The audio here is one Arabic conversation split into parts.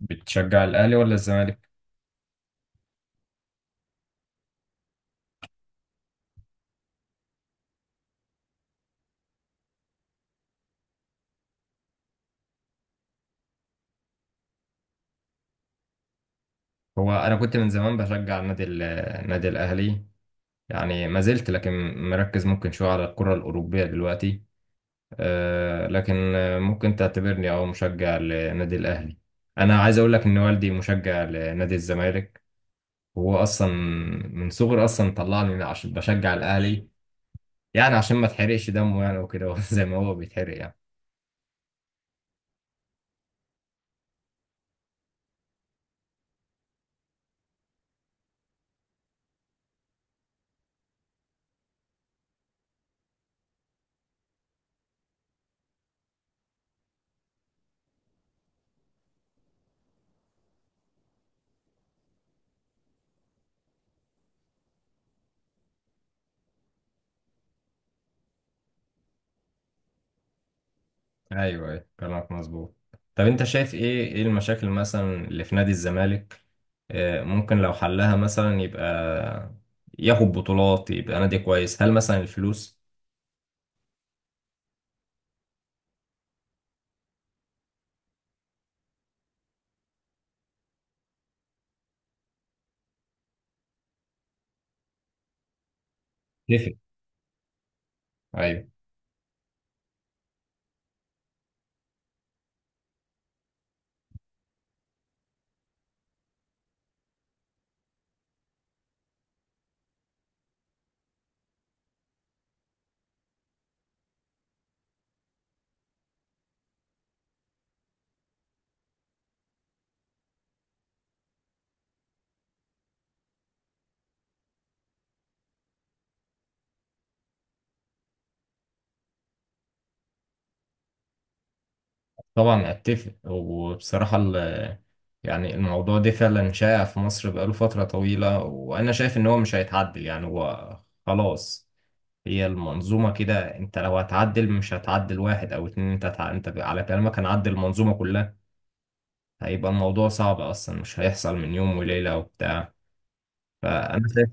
بتشجع الاهلي ولا الزمالك؟ هو انا كنت من زمان بشجع النادي النادي الاهلي. يعني ما زلت، لكن مركز ممكن شويه على الكره الاوروبيه دلوقتي. لكن ممكن تعتبرني او مشجع للنادي الاهلي. انا عايز اقول لك ان والدي مشجع لنادي الزمالك، وهو اصلا من صغري اصلا طلعني عشان بشجع الاهلي. يعني عشان ما تحرقش دمه، يعني وكده زي ما هو بيتحرق يعني. ايوه، ايوه، كلامك مظبوط. طب انت شايف ايه المشاكل مثلا اللي في نادي الزمالك؟ ممكن لو حلها مثلا يبقى ياخد بطولات، يبقى نادي كويس. هل مثلا الفلوس؟ اتفق. ايوه. طبعا اتفق. وبصراحة يعني الموضوع ده فعلا شائع في مصر بقاله فترة طويلة، وانا شايف ان هو مش هيتعدل، يعني هو خلاص. هي المنظومة كده، انت لو هتعدل مش هتعدل واحد او اتنين، انت انت على كلامك هنعدل المنظومة كلها. هيبقى الموضوع صعب اصلا، مش هيحصل من يوم وليله وبتاع. فانا شايف.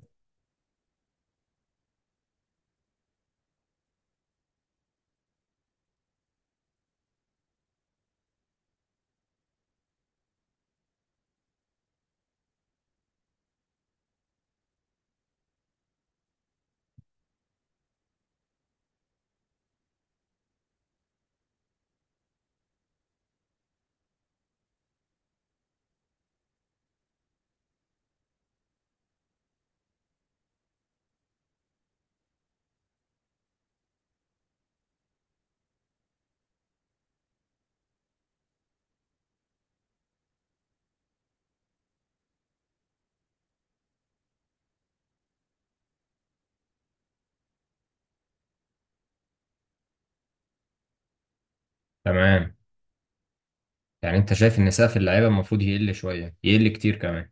تمام. يعني انت شايف ان سقف اللعيبه المفروض يقل شويه، يقل كتير كمان.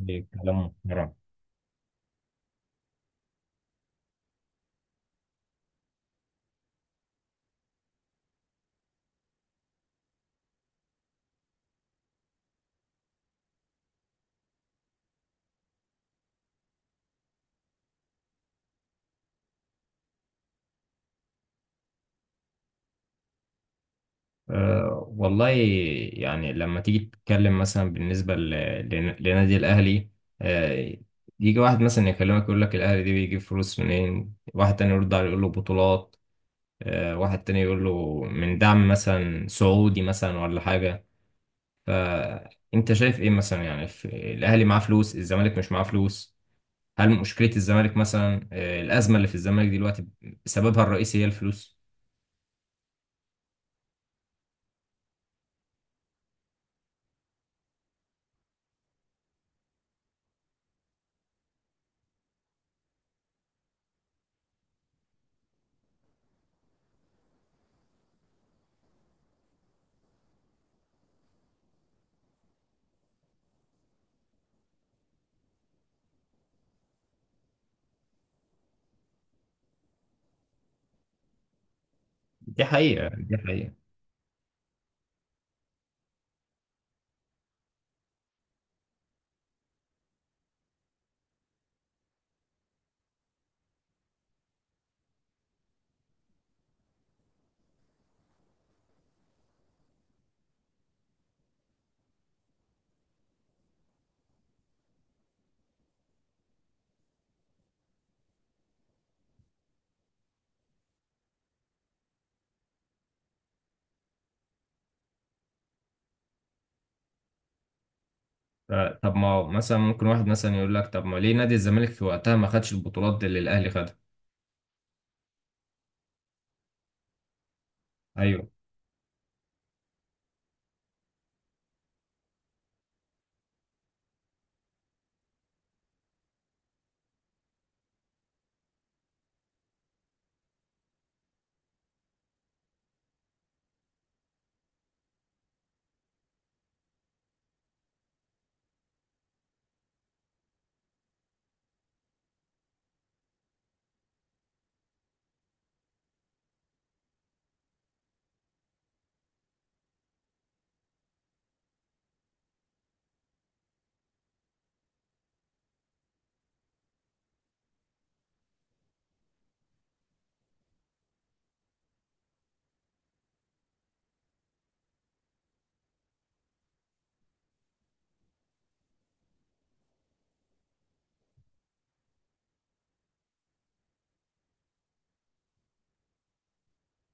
يعني كلام محترم. أه والله. يعني لما تيجي تتكلم مثلا بالنسبه لنادي الاهلي، أه. يجي واحد مثلا يكلمك يقول لك الاهلي دي بيجيب فلوس منين، واحد تاني يرد عليه يقول له بطولات. واحد تاني يقول له من دعم مثلا سعودي، مثلا ولا حاجه. فانت شايف ايه مثلا؟ يعني في الاهلي معاه فلوس، الزمالك مش معاه فلوس. هل مشكلة الزمالك، مثلا الأزمة اللي في الزمالك دلوقتي، سببها الرئيسي هي الفلوس؟ دي حقيقة، دي حقيقة. ف- طب ما هو مثلا ممكن واحد مثلا يقول لك طب ما ليه نادي الزمالك في وقتها ما خدش البطولات اللي الأهلي خدها؟ ايوه،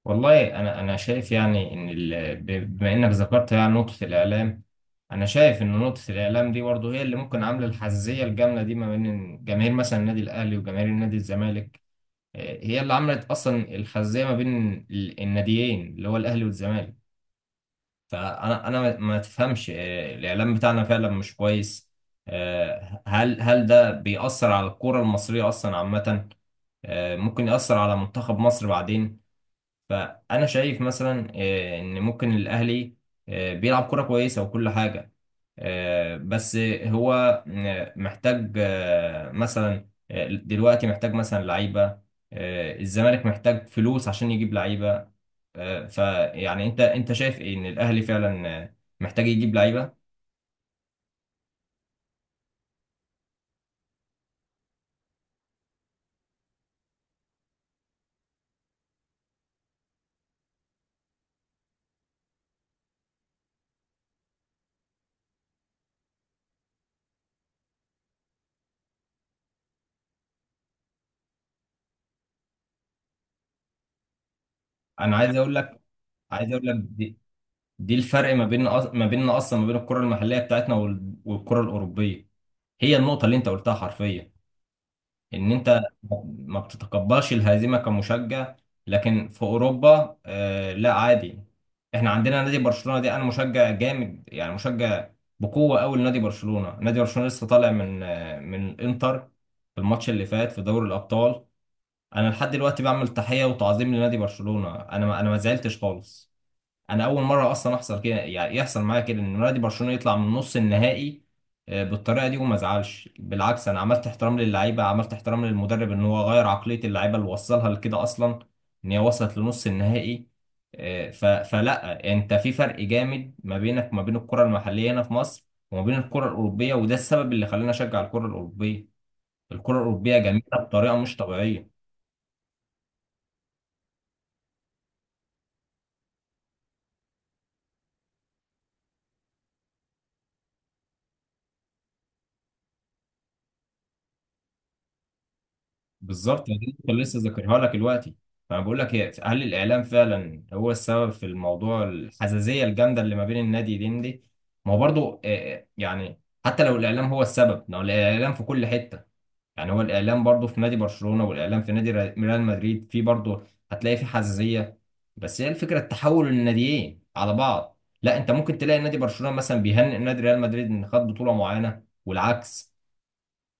والله انا شايف يعني ان بما انك ذكرت يعني نقطة الإعلام. انا شايف ان نقطة الإعلام دي برضه هي اللي ممكن عاملة الحزية الجامدة دي ما بين جماهير مثلا النادي الأهلي وجماهير النادي الزمالك. هي اللي عملت اصلا الخزيه ما بين الناديين اللي هو الاهلي والزمالك. فانا انا ما ما تفهمش، الاعلام بتاعنا فعلا مش كويس. هل ده بيأثر على الكره المصريه اصلا عامه؟ ممكن يأثر على منتخب مصر بعدين. فانا شايف مثلا، ان ممكن الاهلي بيلعب كره كويسه وكل حاجه. بس هو محتاج مثلا دلوقتي محتاج مثلا لعيبة. الزمالك محتاج فلوس عشان يجيب لعيبة. فيعني انت شايف ايه ان الاهلي فعلا محتاج يجيب لعيبة؟ انا عايز اقول لك، عايز اقول لك دي, دي الفرق ما بين ما بيننا اصلا، ما بين الكرة المحلية بتاعتنا والكرة الأوروبية. هي النقطة اللي انت قلتها حرفيا، ان انت ما بتتقبلش الهزيمه كمشجع. لكن في اوروبا، لا، عادي. احنا عندنا نادي برشلونه، دي انا مشجع جامد، يعني مشجع بقوه قوي لنادي برشلونه. نادي برشلونه لسه طالع من من الانتر في الماتش اللي فات في دوري الابطال. انا لحد دلوقتي بعمل تحيه وتعظيم لنادي برشلونه. انا ما زعلتش خالص. انا اول مره اصلا احصل كده، يعني يحصل معايا كده، ان نادي برشلونه يطلع من نص النهائي بالطريقه دي. وما ازعلش، بالعكس انا عملت احترام للعيبه، عملت احترام للمدرب، ان هو غير عقليه اللعيبه اللي وصلها لكده اصلا، ان هي وصلت لنص النهائي. آه، ف- فلا، انت في فرق جامد ما بينك وما بين الكره المحليه هنا في مصر وما بين الكره الاوروبيه، وده السبب اللي خلاني اشجع الكره الاوروبيه. الكره الاوروبيه جميله بطريقه مش طبيعيه. بالظبط، أنا كنت لسه ذاكرها لك دلوقتي. فانا بقول لك، هي هل الاعلام فعلا هو السبب في الموضوع الحزازيه الجامده اللي ما بين النادي دين دي؟ ما هو برضو، يعني حتى لو الاعلام هو السبب، ما هو الاعلام في كل حته. يعني هو الاعلام برضو في نادي برشلونه، والاعلام في نادي ريال مدريد في برضو. هتلاقي في حزازيه. بس هي الفكره التحول الناديين على بعض، لا انت ممكن تلاقي نادي برشلونه مثلا بيهنئ نادي ريال مدريد ان خد بطوله معينه والعكس.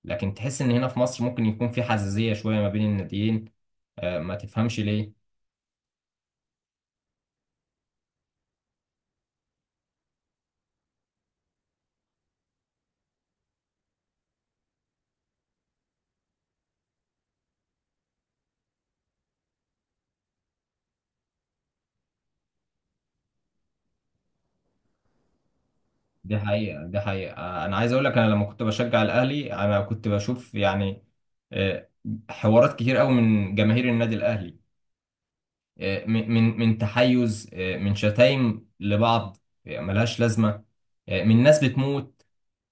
لكن تحس ان هنا في مصر ممكن يكون في حزازية شوية ما بين الناديين، ما تفهمش ليه. دي حقيقة، دي حقيقة. انا عايز اقول لك، انا لما كنت بشجع الاهلي انا كنت بشوف يعني آه، حوارات كتير قوي من جماهير النادي الاهلي. من تحيز، من شتايم لبعض ملهاش لازمة، من ناس بتموت.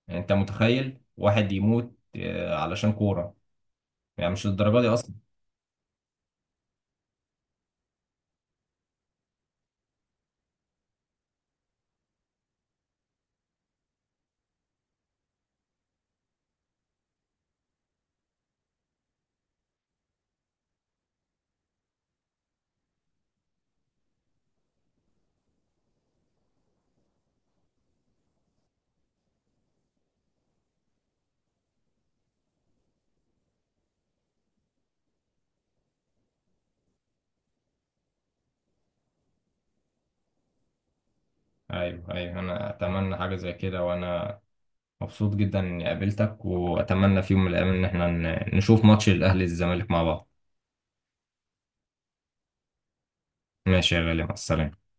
يعني انت متخيل واحد يموت علشان كورة؟ يعني مش للدرجة دي اصلا. ايوه، ايوه، انا اتمنى حاجة زي كده. وانا مبسوط جدا اني قابلتك، واتمنى في يوم من الايام ان احنا نشوف ماتش الاهلي الزمالك مع بعض. ماشي يا غالي، مع السلامة.